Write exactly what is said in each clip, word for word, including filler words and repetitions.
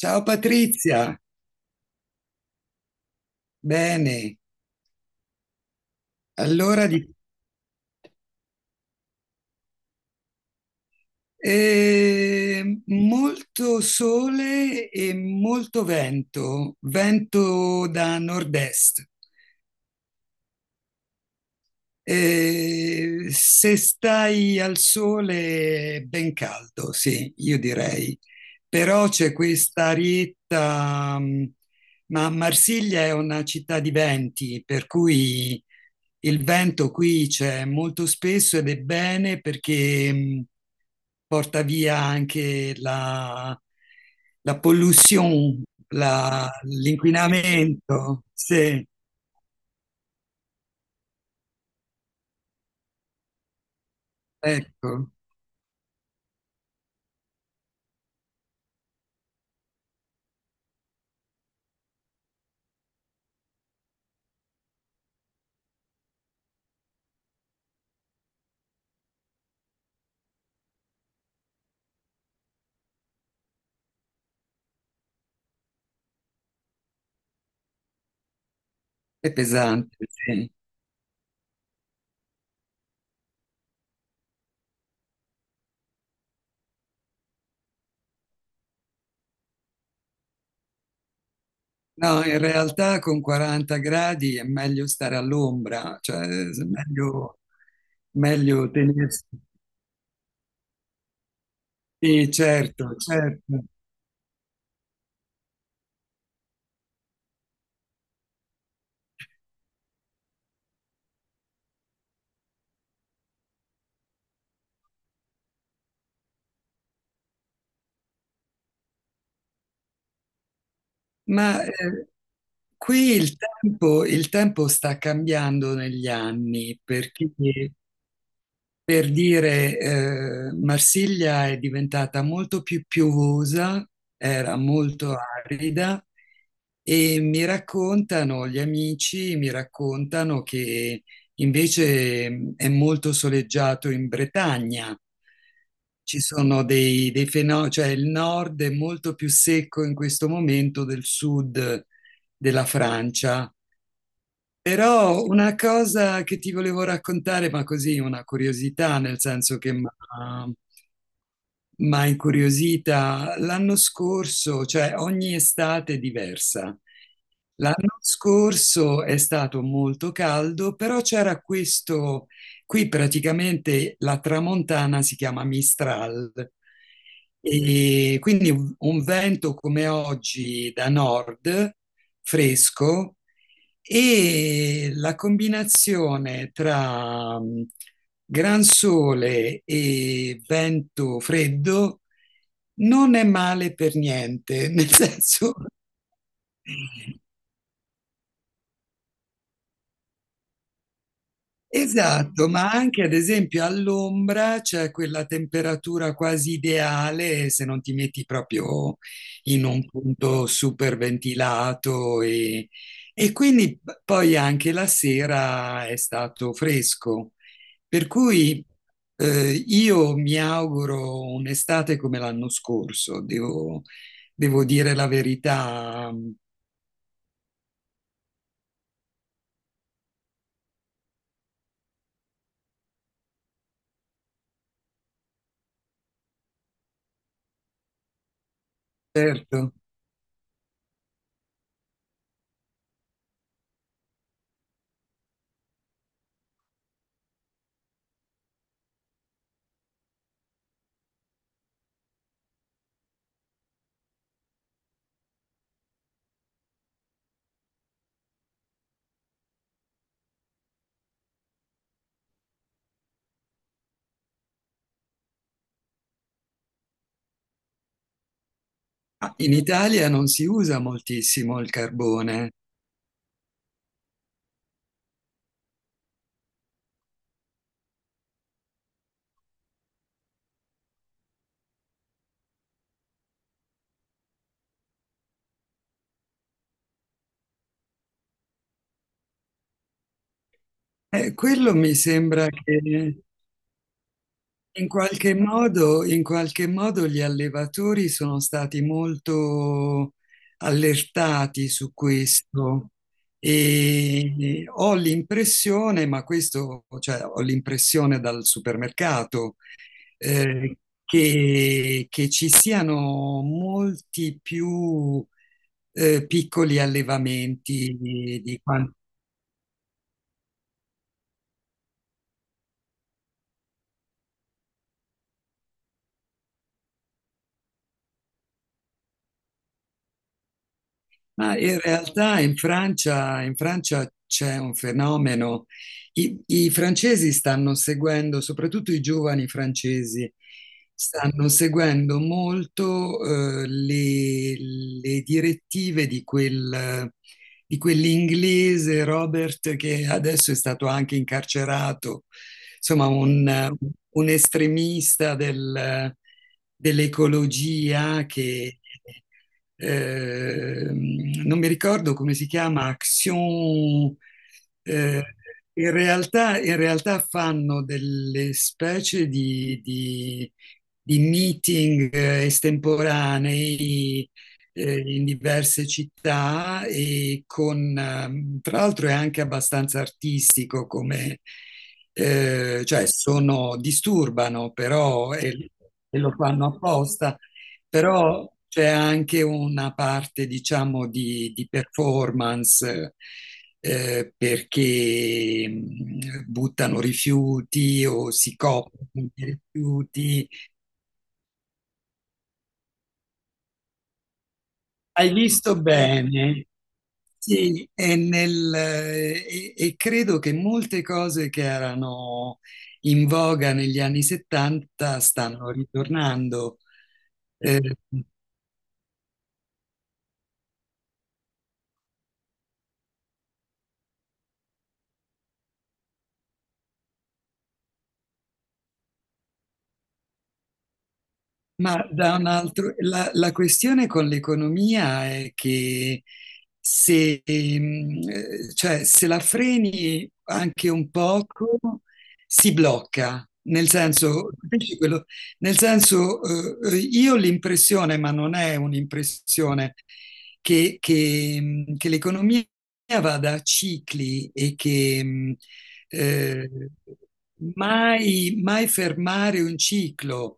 Ciao Patrizia, bene. Allora, di- eh, Molto sole e molto vento, vento da nord-est. Eh, se stai al sole è ben caldo, sì, io direi. Però c'è questa arietta, mh, ma Marsiglia è una città di venti, per cui il vento qui c'è molto spesso ed è bene perché mh, porta via anche la, la pollution, la- l'inquinamento. Sì, ecco, è pesante, sì. No, in realtà con quaranta gradi è meglio stare all'ombra, cioè è meglio, meglio tenersi. Sì, certo, certo. Ma eh, Qui il tempo, il tempo sta cambiando negli anni. Perché Per dire, eh, Marsiglia è diventata molto più piovosa, era molto arida e mi raccontano gli amici, mi raccontano che invece mh, è molto soleggiato in Bretagna. Ci sono dei, dei fenomeni, cioè il nord è molto più secco in questo momento del sud della Francia. Però una cosa che ti volevo raccontare, ma così una curiosità, nel senso che mi ha incuriosita, l'anno scorso, cioè ogni estate è diversa. L'anno scorso è stato molto caldo, però c'era questo, qui praticamente la tramontana si chiama Mistral, e quindi un un vento come oggi da nord fresco, e la combinazione tra mh, gran sole e vento freddo non è male per niente, nel senso. Esatto, ma anche ad esempio all'ombra c'è quella temperatura quasi ideale se non ti metti proprio in un punto super ventilato e, e quindi p- poi anche la sera è stato fresco. Per cui eh, io mi auguro un'estate come l'anno scorso, devo, devo dire la verità, certo. Ah, in Italia non si usa moltissimo il carbone. Eh, quello mi sembra che in qualche modo, in qualche modo gli allevatori sono stati molto allertati su questo, e ho l'impressione, ma questo, cioè, ho l'impressione dal supermercato, eh, che, che ci siano molti più eh, piccoli allevamenti di, di... Ma in realtà in Francia, in Francia c'è un fenomeno. I, I francesi stanno seguendo, soprattutto i giovani francesi, stanno seguendo molto eh, le, le direttive di quel, di quell'inglese Robert, che adesso è stato anche incarcerato, insomma un, un estremista del- dell'ecologia che eh, non mi ricordo come si chiama, Action. eh, In realtà, in realtà fanno delle specie di, di- di meeting eh, estemporanei, eh, in diverse città e con, ehm, tra l'altro è anche abbastanza artistico come, eh, cioè sono, disturbano però e, e lo fanno apposta, però c'è anche una parte, diciamo, di, di performance. Eh, perché mh, buttano rifiuti o si coprono di rifiuti. Hai visto bene? Sì, e, nel- e- e credo che molte cose che erano in voga negli anni settanta stanno ritornando. Eh, Ma da un altro, la, la questione con l'economia è che se, mm, eh, cioè, se la freni anche un poco, si blocca. Nel senso, capisci quello? Nel senso, eh, eh, io ho l'impressione, ma non è un'impressione, che, che, mm, che l'economia vada a cicli e che, mh, eh, mai, mai fermare un ciclo.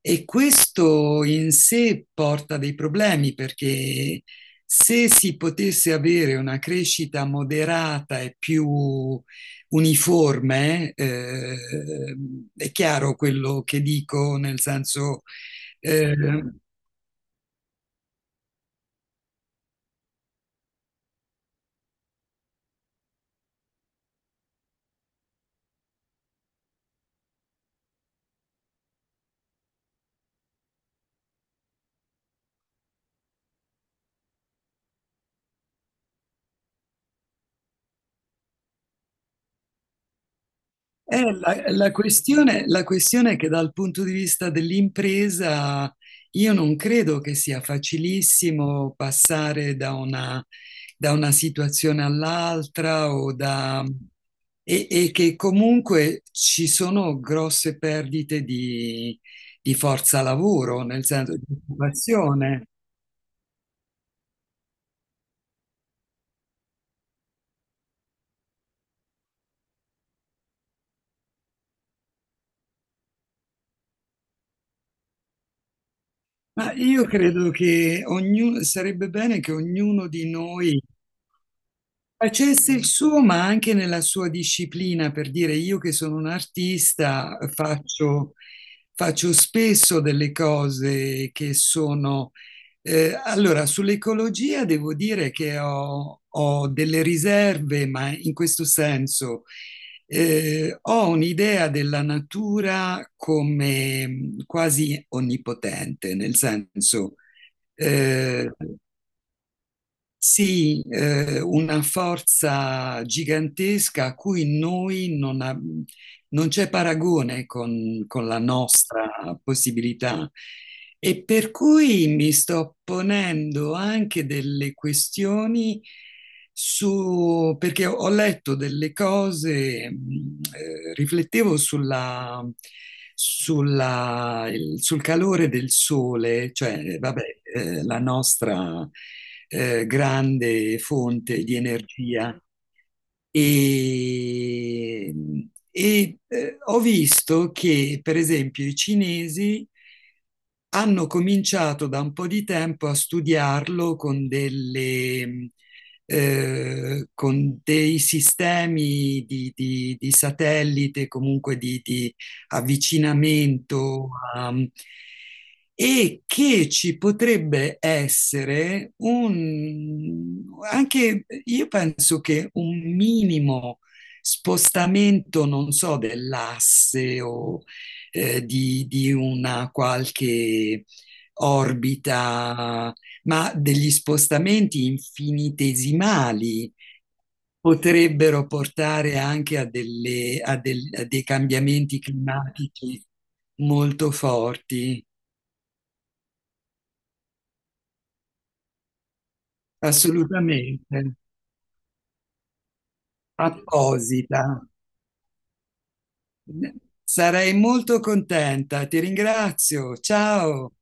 E questo in sé porta dei problemi, perché se si potesse avere una crescita moderata e più uniforme, eh, è chiaro quello che dico, nel senso eh, Eh, la, la questione, la questione è che dal punto di vista dell'impresa io non credo che sia facilissimo passare da una, da una situazione all'altra o da, e, e che comunque ci sono grosse perdite di, di forza lavoro, nel senso di occupazione. Ma io credo che ognu- sarebbe bene che ognuno di noi facesse il suo, ma anche nella sua disciplina, per dire io che sono un artista, faccio, faccio spesso delle cose che sono... eh, Allora, sull'ecologia devo dire che ho, ho delle riserve, ma in questo senso eh, ho un'idea della natura come quasi onnipotente, nel senso... eh, sì, eh, una forza gigantesca a cui noi non, ab- non c'è paragone con, con la nostra possibilità. E per cui mi sto ponendo anche delle questioni su, perché ho ho letto delle cose, mh, eh, riflettevo sulla, sulla- il- sul calore del sole, cioè, vabbè, eh, la nostra eh, grande fonte di energia. E, e, eh, Ho visto che, per esempio, i cinesi hanno cominciato da un po' di tempo a studiarlo con delle, eh, con dei sistemi di, di- di satellite, comunque di, di avvicinamento a- e che ci potrebbe essere un, anche io penso che un minimo spostamento, non so, dell'asse o eh, di, di una qualche orbita, ma degli spostamenti infinitesimali potrebbero portare anche a, delle- a del- a dei cambiamenti climatici molto forti, assolutamente, apposita. Sarei molto contenta, ti ringrazio, ciao.